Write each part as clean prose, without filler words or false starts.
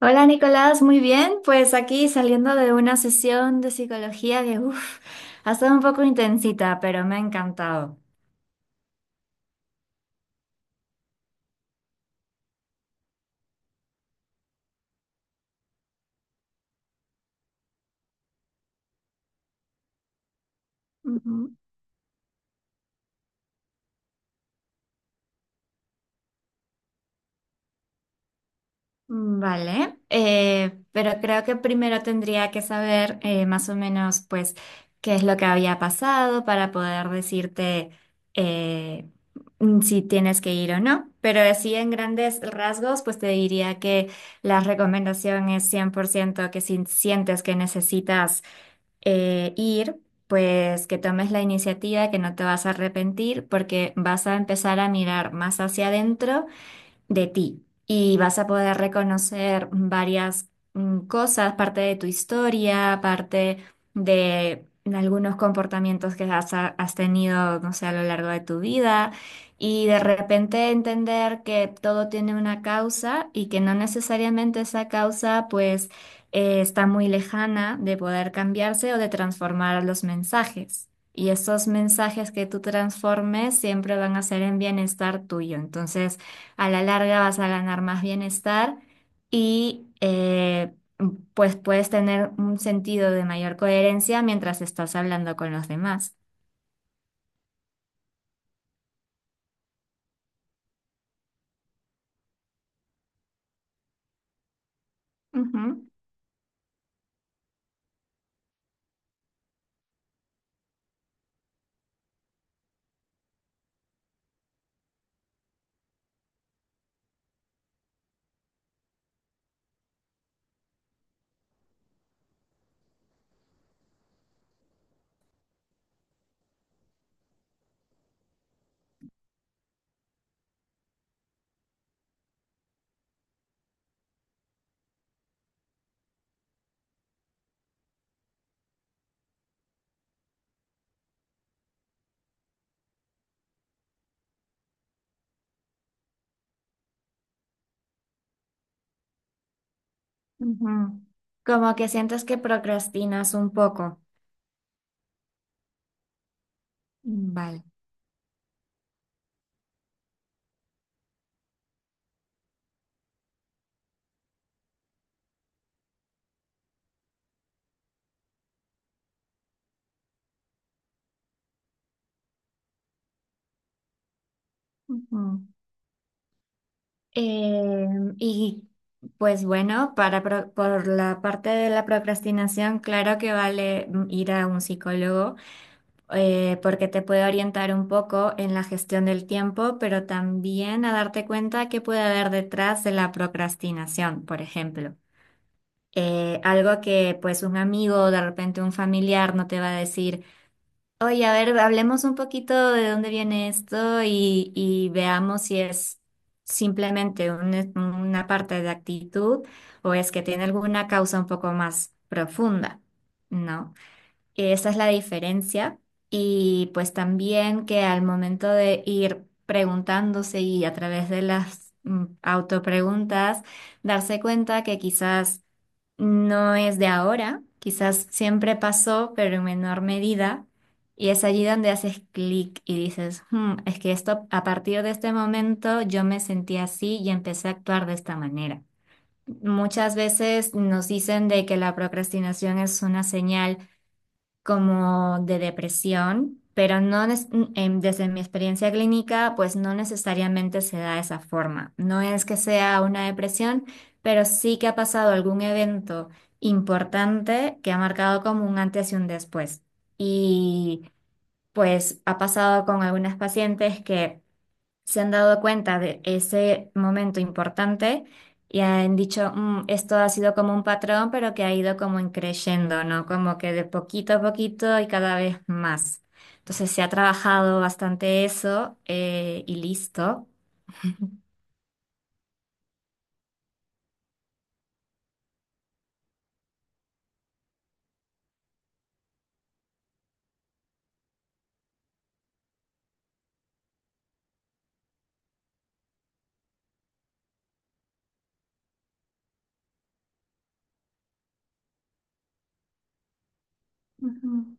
Hola Nicolás, muy bien. Pues aquí saliendo de una sesión de psicología que, uff, ha estado un poco intensita, pero me ha encantado. Ujú. Vale, pero creo que primero tendría que saber más o menos, pues, qué es lo que había pasado para poder decirte eh, si tienes que ir o no. Pero así en grandes rasgos, pues te diría que la recomendación es 100% que si sientes que necesitas ir, pues que tomes la iniciativa, que no te vas a arrepentir, porque vas a empezar a mirar más hacia adentro de ti y vas a poder reconocer varias cosas, parte de tu historia, parte de algunos comportamientos que has tenido, no sé, a lo largo de tu vida, y de repente entender que todo tiene una causa y que no necesariamente esa causa pues está muy lejana de poder cambiarse o de transformar los mensajes. Y esos mensajes que tú transformes siempre van a ser en bienestar tuyo. Entonces, a la larga vas a ganar más bienestar y pues puedes tener un sentido de mayor coherencia mientras estás hablando con los demás. Ujú, ujú. Como que sientes que procrastinas un poco. Vale. Ujú. Eh, y pues bueno, por la parte de la procrastinación, claro que vale, ir a un psicólogo, porque te puede orientar un poco en la gestión del tiempo, pero también a darte cuenta qué puede haber detrás de la procrastinación, por ejemplo. Algo que pues un amigo o de repente un familiar no te va a decir, oye, a ver, hablemos un poquito de dónde viene esto y veamos si es simplemente una parte de actitud o es que tiene alguna causa un poco más profunda, ¿no? Esa es la diferencia. Y pues también que al momento de ir preguntándose y a través de las autopreguntas, darse cuenta que quizás no es de ahora, quizás siempre pasó, pero en menor medida. Y es allí donde haces clic y dices: "Hmm, es que esto, a partir de este momento yo me sentí así y empecé a actuar de esta manera". Muchas veces nos dicen de que la procrastinación es una señal como de depresión, pero no nes- em, desde mi experiencia clínica, pues no necesariamente se da de esa forma. No es que sea una depresión, pero sí que ha pasado algún evento importante que ha marcado como un antes y un después. Y pues ha pasado con algunas pacientes que se han dado cuenta de ese momento importante y han dicho: "Mm, esto ha sido como un patrón, pero que ha ido como en creyendo, ¿no? Como que de poquito a poquito y cada vez más". Entonces se ha trabajado bastante eso, y listo. Ujú.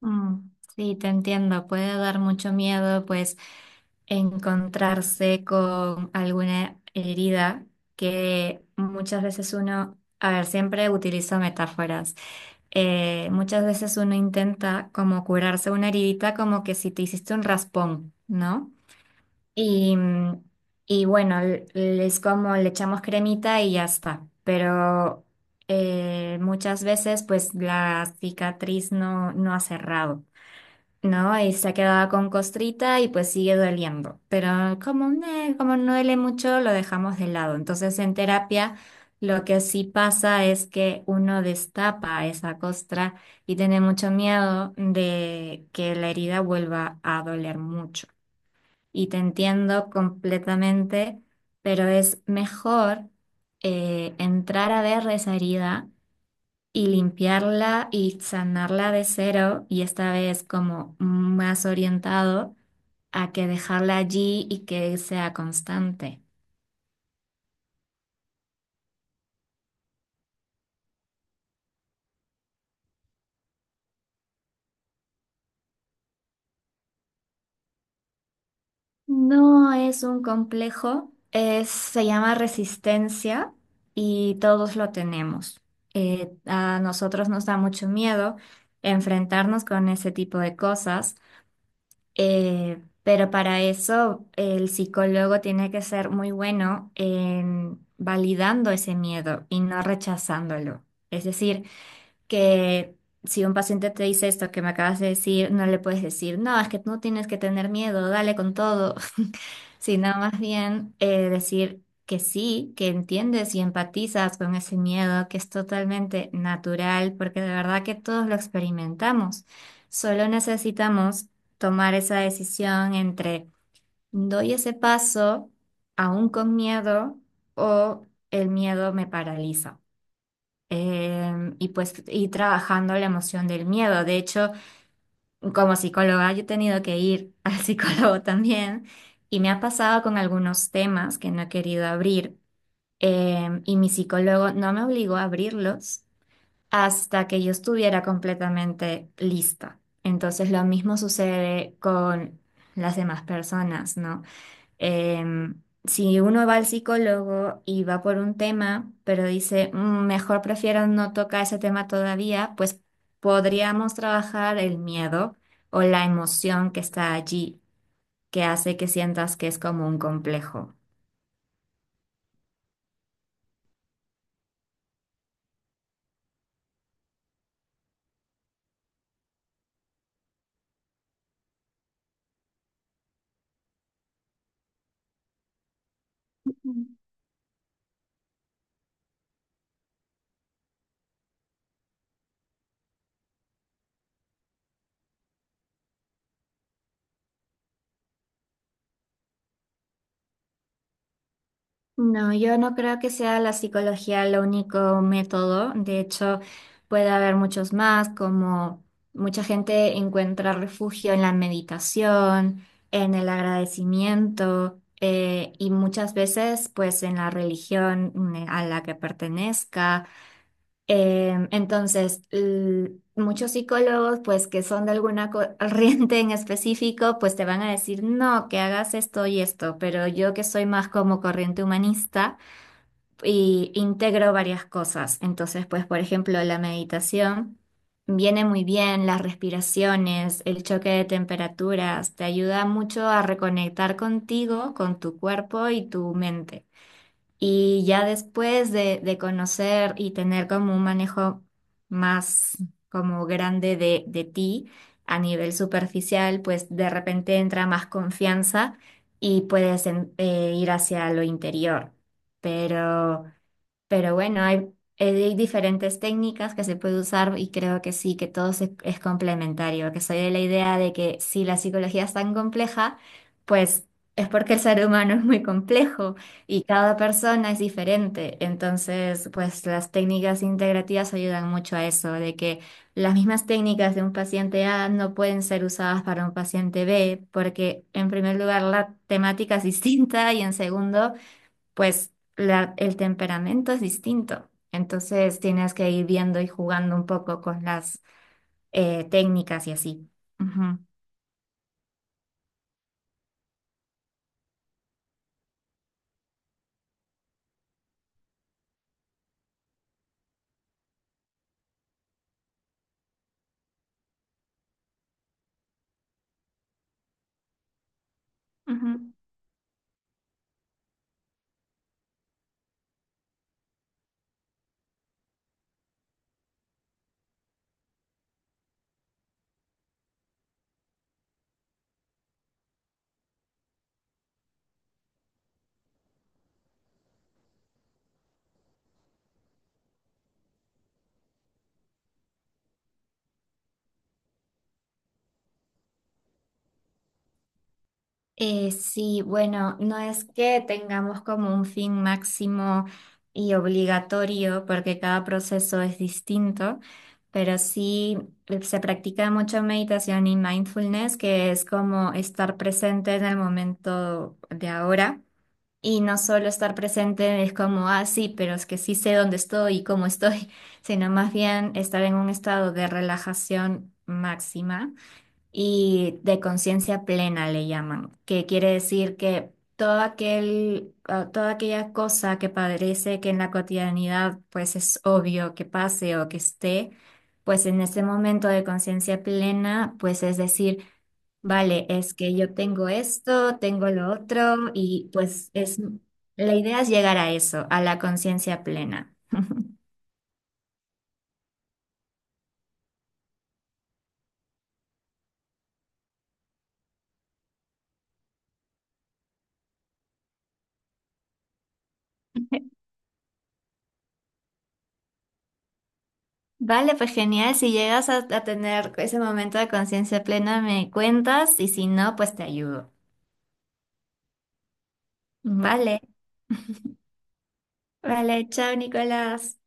Mm, sí, te entiendo. Puede dar mucho miedo, pues, encontrarse con alguna herida que muchas veces uno, a ver, siempre utilizo metáforas. Muchas veces uno intenta como curarse una heridita como que si te hiciste un raspón, ¿no? Y, y bueno, es como le echamos cremita y ya está, pero muchas veces pues la cicatriz no ha cerrado. No, y se ha quedado con costrita y pues sigue doliendo. Pero como, como no duele mucho, lo dejamos de lado. Entonces, en terapia, lo que sí pasa es que uno destapa esa costra y tiene mucho miedo de que la herida vuelva a doler mucho. Y te entiendo completamente, pero es mejor entrar a ver esa herida y limpiarla y sanarla de cero y esta vez como más orientado a que dejarla allí y que sea constante. No es un complejo, se llama resistencia y todos lo tenemos. A nosotros nos da mucho miedo enfrentarnos con ese tipo de cosas. Pero para eso el psicólogo tiene que ser muy bueno en validando ese miedo y no rechazándolo. Es decir, que si un paciente te dice esto que me acabas de decir, no le puedes decir: "No, es que no tienes que tener miedo, dale con todo", sino más bien decir que sí, que entiendes y empatizas con ese miedo, que es totalmente natural, porque de verdad que todos lo experimentamos. Solo necesitamos tomar esa decisión entre doy ese paso aún con miedo o el miedo me paraliza, y pues ir trabajando la emoción del miedo. De hecho, como psicóloga, yo he tenido que ir al psicólogo también, y me ha pasado con algunos temas que no he querido abrir, y mi psicólogo no me obligó a abrirlos hasta que yo estuviera completamente lista. Entonces, lo mismo sucede con las demás personas, ¿no? Si uno va al psicólogo y va por un tema, pero dice: "Mm, mejor prefiero no tocar ese tema todavía", pues podríamos trabajar el miedo o la emoción que está allí, que hace que sientas que es como un complejo. No, yo no creo que sea la psicología el único método. De hecho, puede haber muchos más, como mucha gente encuentra refugio en la meditación, en el agradecimiento, y muchas veces, pues, en la religión, a la que pertenezca. Entonces, muchos psicólogos, pues, que son de alguna corriente en específico, pues te van a decir: "No, que hagas esto y esto", pero yo que soy más como corriente humanista y integro varias cosas. Entonces, pues, por ejemplo, la meditación viene muy bien, las respiraciones, el choque de temperaturas, te ayuda mucho a reconectar contigo, con tu cuerpo y tu mente. Y ya después de conocer y tener como un manejo más como grande de ti a nivel superficial, pues de repente entra más confianza y puedes ir hacia lo interior. Pero pero bueno, hay, hay diferentes técnicas que se puede usar y creo que sí, que todo es complementario, que soy de la idea de que si la psicología es tan compleja, pues es porque el ser humano es muy complejo y cada persona es diferente. Entonces, pues las técnicas integrativas ayudan mucho a eso, de que las mismas técnicas de un paciente A no pueden ser usadas para un paciente B, porque en primer lugar la temática es distinta y en segundo pues el temperamento es distinto. Entonces tienes que ir viendo y jugando un poco con las técnicas y así. Ujú, ujú. Sí, bueno, no es que tengamos como un fin máximo y obligatorio porque cada proceso es distinto, pero sí se practica mucho meditación y mindfulness, que es como estar presente en el momento de ahora. Y no solo estar presente es como: "Ah, sí, pero es que sí sé dónde estoy y cómo estoy", sino más bien estar en un estado de relajación máxima y de conciencia plena le llaman, que quiere decir que todo aquel, ah, toda aquella cosa que parece que en la cotidianidad pues es obvio que pase o que esté, pues en ese momento de conciencia plena, pues es decir, vale, es que yo tengo esto, tengo lo otro y pues es, la idea es llegar a eso, a la conciencia plena. Vale, pues genial. Si llegas a tener ese momento de conciencia plena, me cuentas y si no, pues te ayudo. Vale, vale, chao, Nicolás.